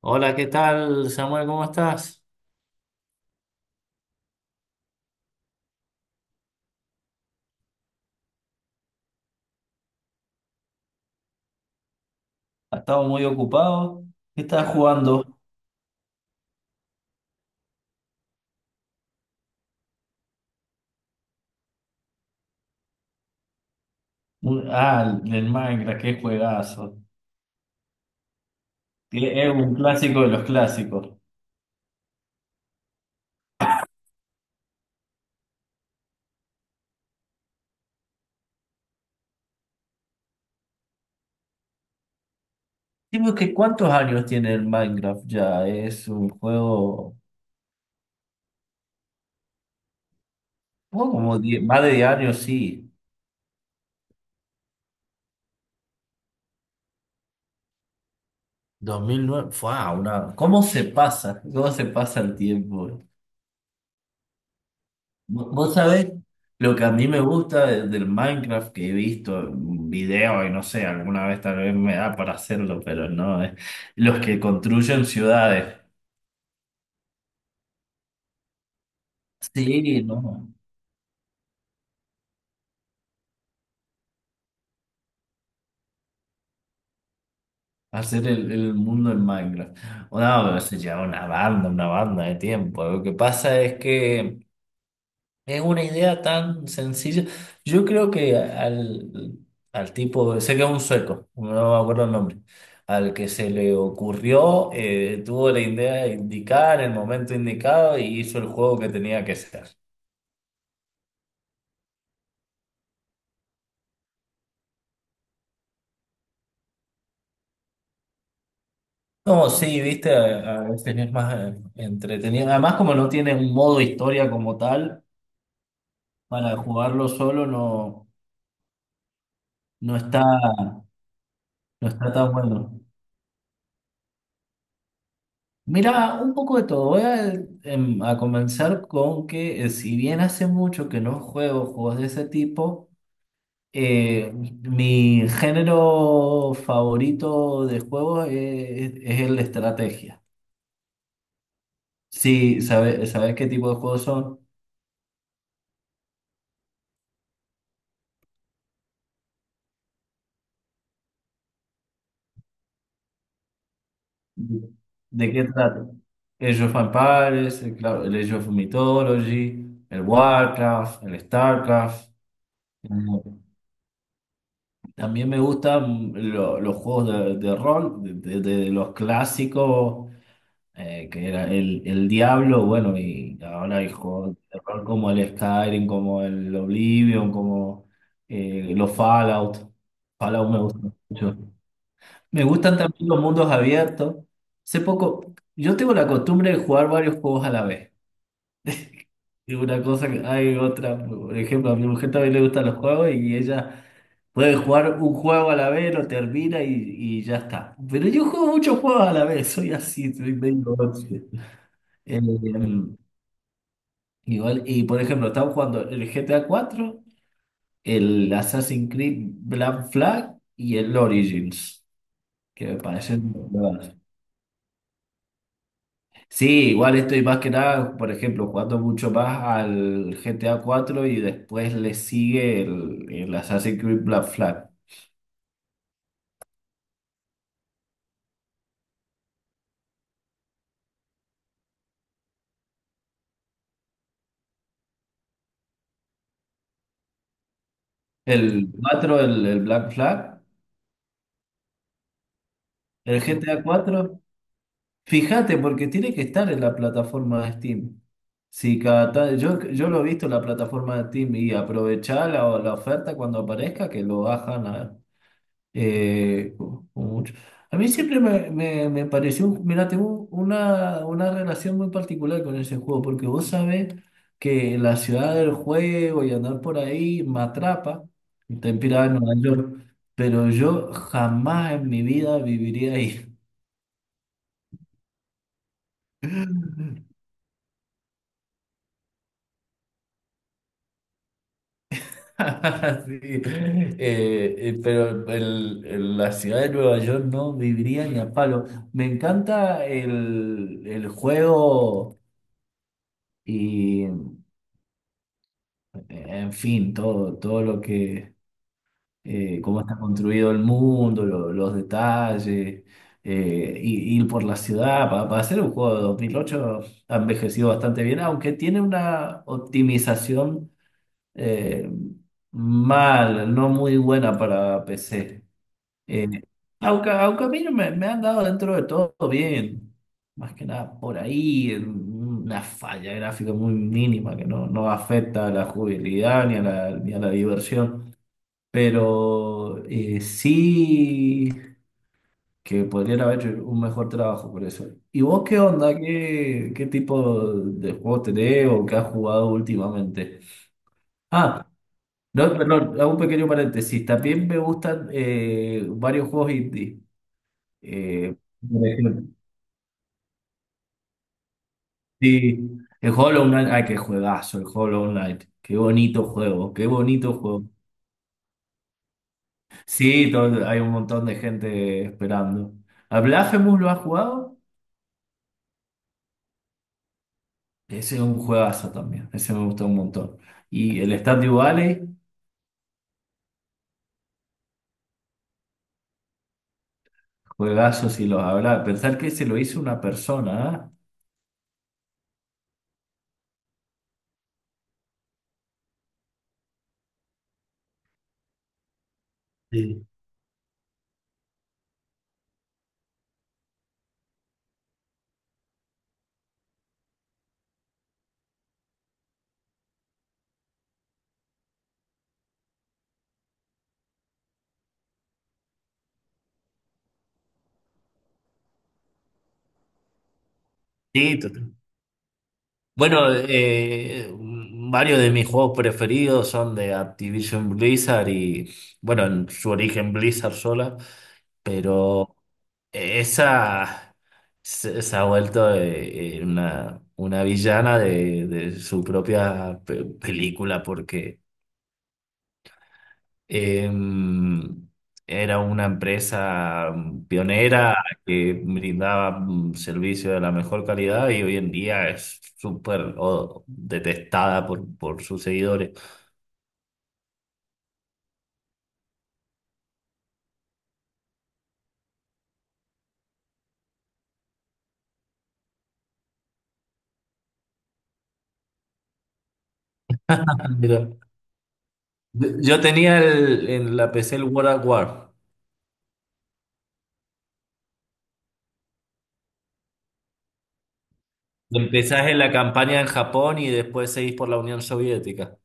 Hola, ¿qué tal, Samuel? ¿Cómo estás? Ha estado muy ocupado. ¿Qué estás jugando? Ah, el Minecraft, qué juegazo. Que Es un clásico de los clásicos. Dime que cuántos años tiene el Minecraft ya. Es un juego. Oh, como más de 10 años, sí. 2009. Fue una. ¿Cómo se pasa? ¿Cómo se pasa el tiempo? Vos sabés lo que a mí me gusta del Minecraft que he visto en video y no sé, alguna vez tal vez me da para hacerlo, pero no, es los que construyen ciudades. Sí, no, hacer el mundo en Minecraft. No, pero se lleva una banda de tiempo. Lo que pasa es que Es una idea tan sencilla. Yo creo que al tipo, sé que es un sueco, no me acuerdo el nombre, al que se le ocurrió, tuvo la idea indicada en el momento indicado y hizo el juego que tenía que ser. No, sí, viste, a veces es más entretenido. Además, como no tiene un modo historia como tal, para jugarlo solo no, no está, no está tan bueno. Mira, un poco de todo. Voy a comenzar con que si bien hace mucho que no juego juegos de ese tipo, mi género favorito de juegos es el de estrategia. Sí, ¿sabes qué tipo de juegos son? ¿De qué trata? El of Empires, el, claro, el Age of Mythology, el Warcraft, el Starcraft. También me gustan los juegos de rol, de los clásicos, que era el Diablo, bueno, y ahora hay juegos de rol como el Skyrim, como el Oblivion, como los Fallout. Fallout me gustan mucho. Me gustan también los mundos abiertos. Hace poco, yo tengo la costumbre de jugar varios juegos a la vez. Y una cosa que hay otra, por ejemplo, a mi mujer también le gustan los juegos y ella. Puedes jugar un juego a la vez, lo termina y ya está. Pero yo juego muchos juegos a la vez, soy así, soy medio ocio. Eh, em, Igual, y por ejemplo, estamos jugando el G T A cuatro, el Assassin's Creed Black Flag y el Origins, que me parecen nuevas. Sí, igual estoy más que nada, por ejemplo, jugando mucho más al G T A cuatro y después le sigue el Assassin's Creed Black Flag. El cuatro, el Black Flag, el G T A cuatro. Fíjate, porque tiene que estar en la plataforma de Steam. Si cada ta- Yo lo he visto en la plataforma de Steam y aprovechar la oferta cuando aparezca, que lo bajan a, con mucho. A mí siempre me pareció, mira, tengo una relación muy particular con ese juego, porque vos sabés que la ciudad del juego y andar por ahí me atrapa, está inspirada en Nueva York, pero yo jamás en mi vida viviría ahí. Sí. Pero la ciudad de Nueva York no viviría ni a palo. Me encanta el juego y, en fin, todo, todo lo que, cómo está construido el mundo, los detalles, ir por la ciudad. Para hacer un juego de 2008 ha envejecido bastante bien, aunque tiene una optimización eh, mal, no muy buena para PC. Eh, aunque a mí no me han dado dentro de todo bien, más que nada por ahí, en una falla gráfica muy mínima que no afecta a la jugabilidad ni a la, ni a la diversión, pero sí que podrían haber hecho un mejor trabajo por eso. ¿Y vos qué onda? ¿Qué tipo de juegos tenés o qué has jugado últimamente? Ah, no, perdón, hago un pequeño paréntesis. También me gustan varios juegos indie. Eh, por ejemplo, sí, el Hollow Knight, ay, qué juegazo, el Hollow Knight. Qué bonito juego, qué bonito juego. Sí, hay un montón de gente esperando. ¿A Blasphemous lo has jugado? Ese es un juegazo también, ese me gustó un montón. Y el Stardew Valley, juegazo si los habrá. Pensar que se lo hizo una persona, ¿ah? Sí, sí, total. Bueno, varios de mis juegos preferidos son de Activision Blizzard y, bueno, en su origen Blizzard sola, pero esa se ha vuelto una villana de su propia película porque Em, era una empresa pionera que brindaba servicio de la mejor calidad y hoy en día es súper detestada por sus seguidores. Ah, mira. Yo tenía en la PC el World at War. Empezás en la campaña en Japón y después seguís por la Unión Soviética.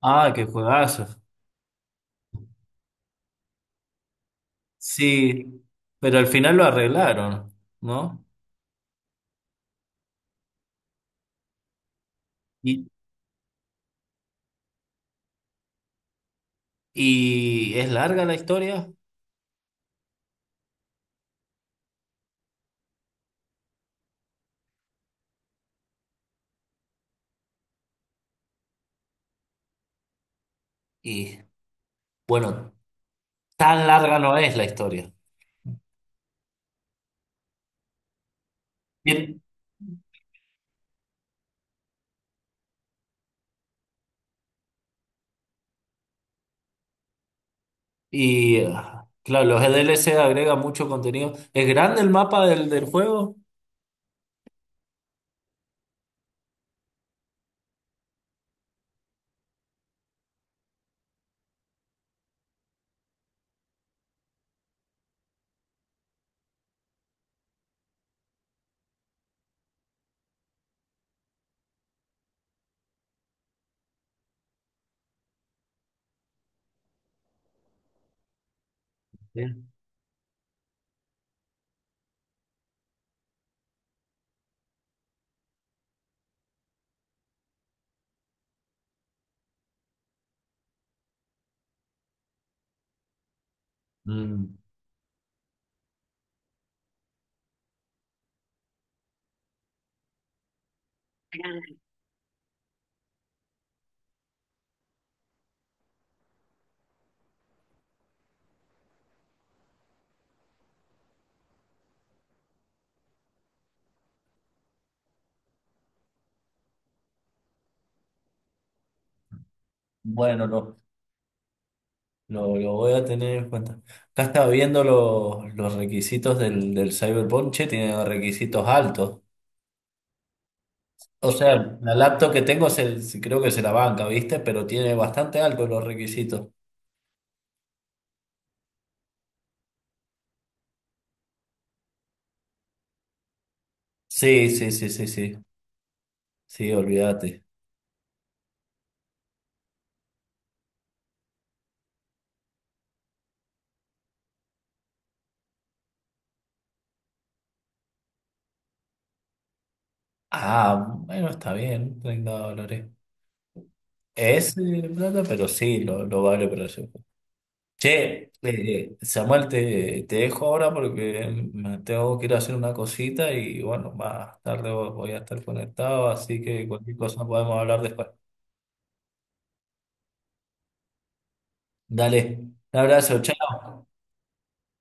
Ah, qué juegazo. Sí, pero al final lo arreglaron, ¿no? Y, y es larga la historia y bueno. Tan larga no es la historia. Bien. Y, ah, claro, los DLC agregan mucho contenido. ¿Es grande el mapa del juego? Bien. Mm, bueno, lo voy a tener en cuenta. Acá estaba viendo los requisitos del Cyberpunk, che, tiene requisitos altos. O sea, la laptop que tengo creo que se la banca, ¿viste? Pero tiene bastante altos los requisitos. Sí, sí, sí, sí, sí. Sí, olvídate. Ah, bueno, está bien, $30. Es plata, pero sí, lo vale para eso. Che, Samuel, te dejo ahora porque me tengo que ir a hacer una cosita y bueno, más tarde voy a estar conectado, así que cualquier cosa podemos hablar después. Dale, un abrazo, chao.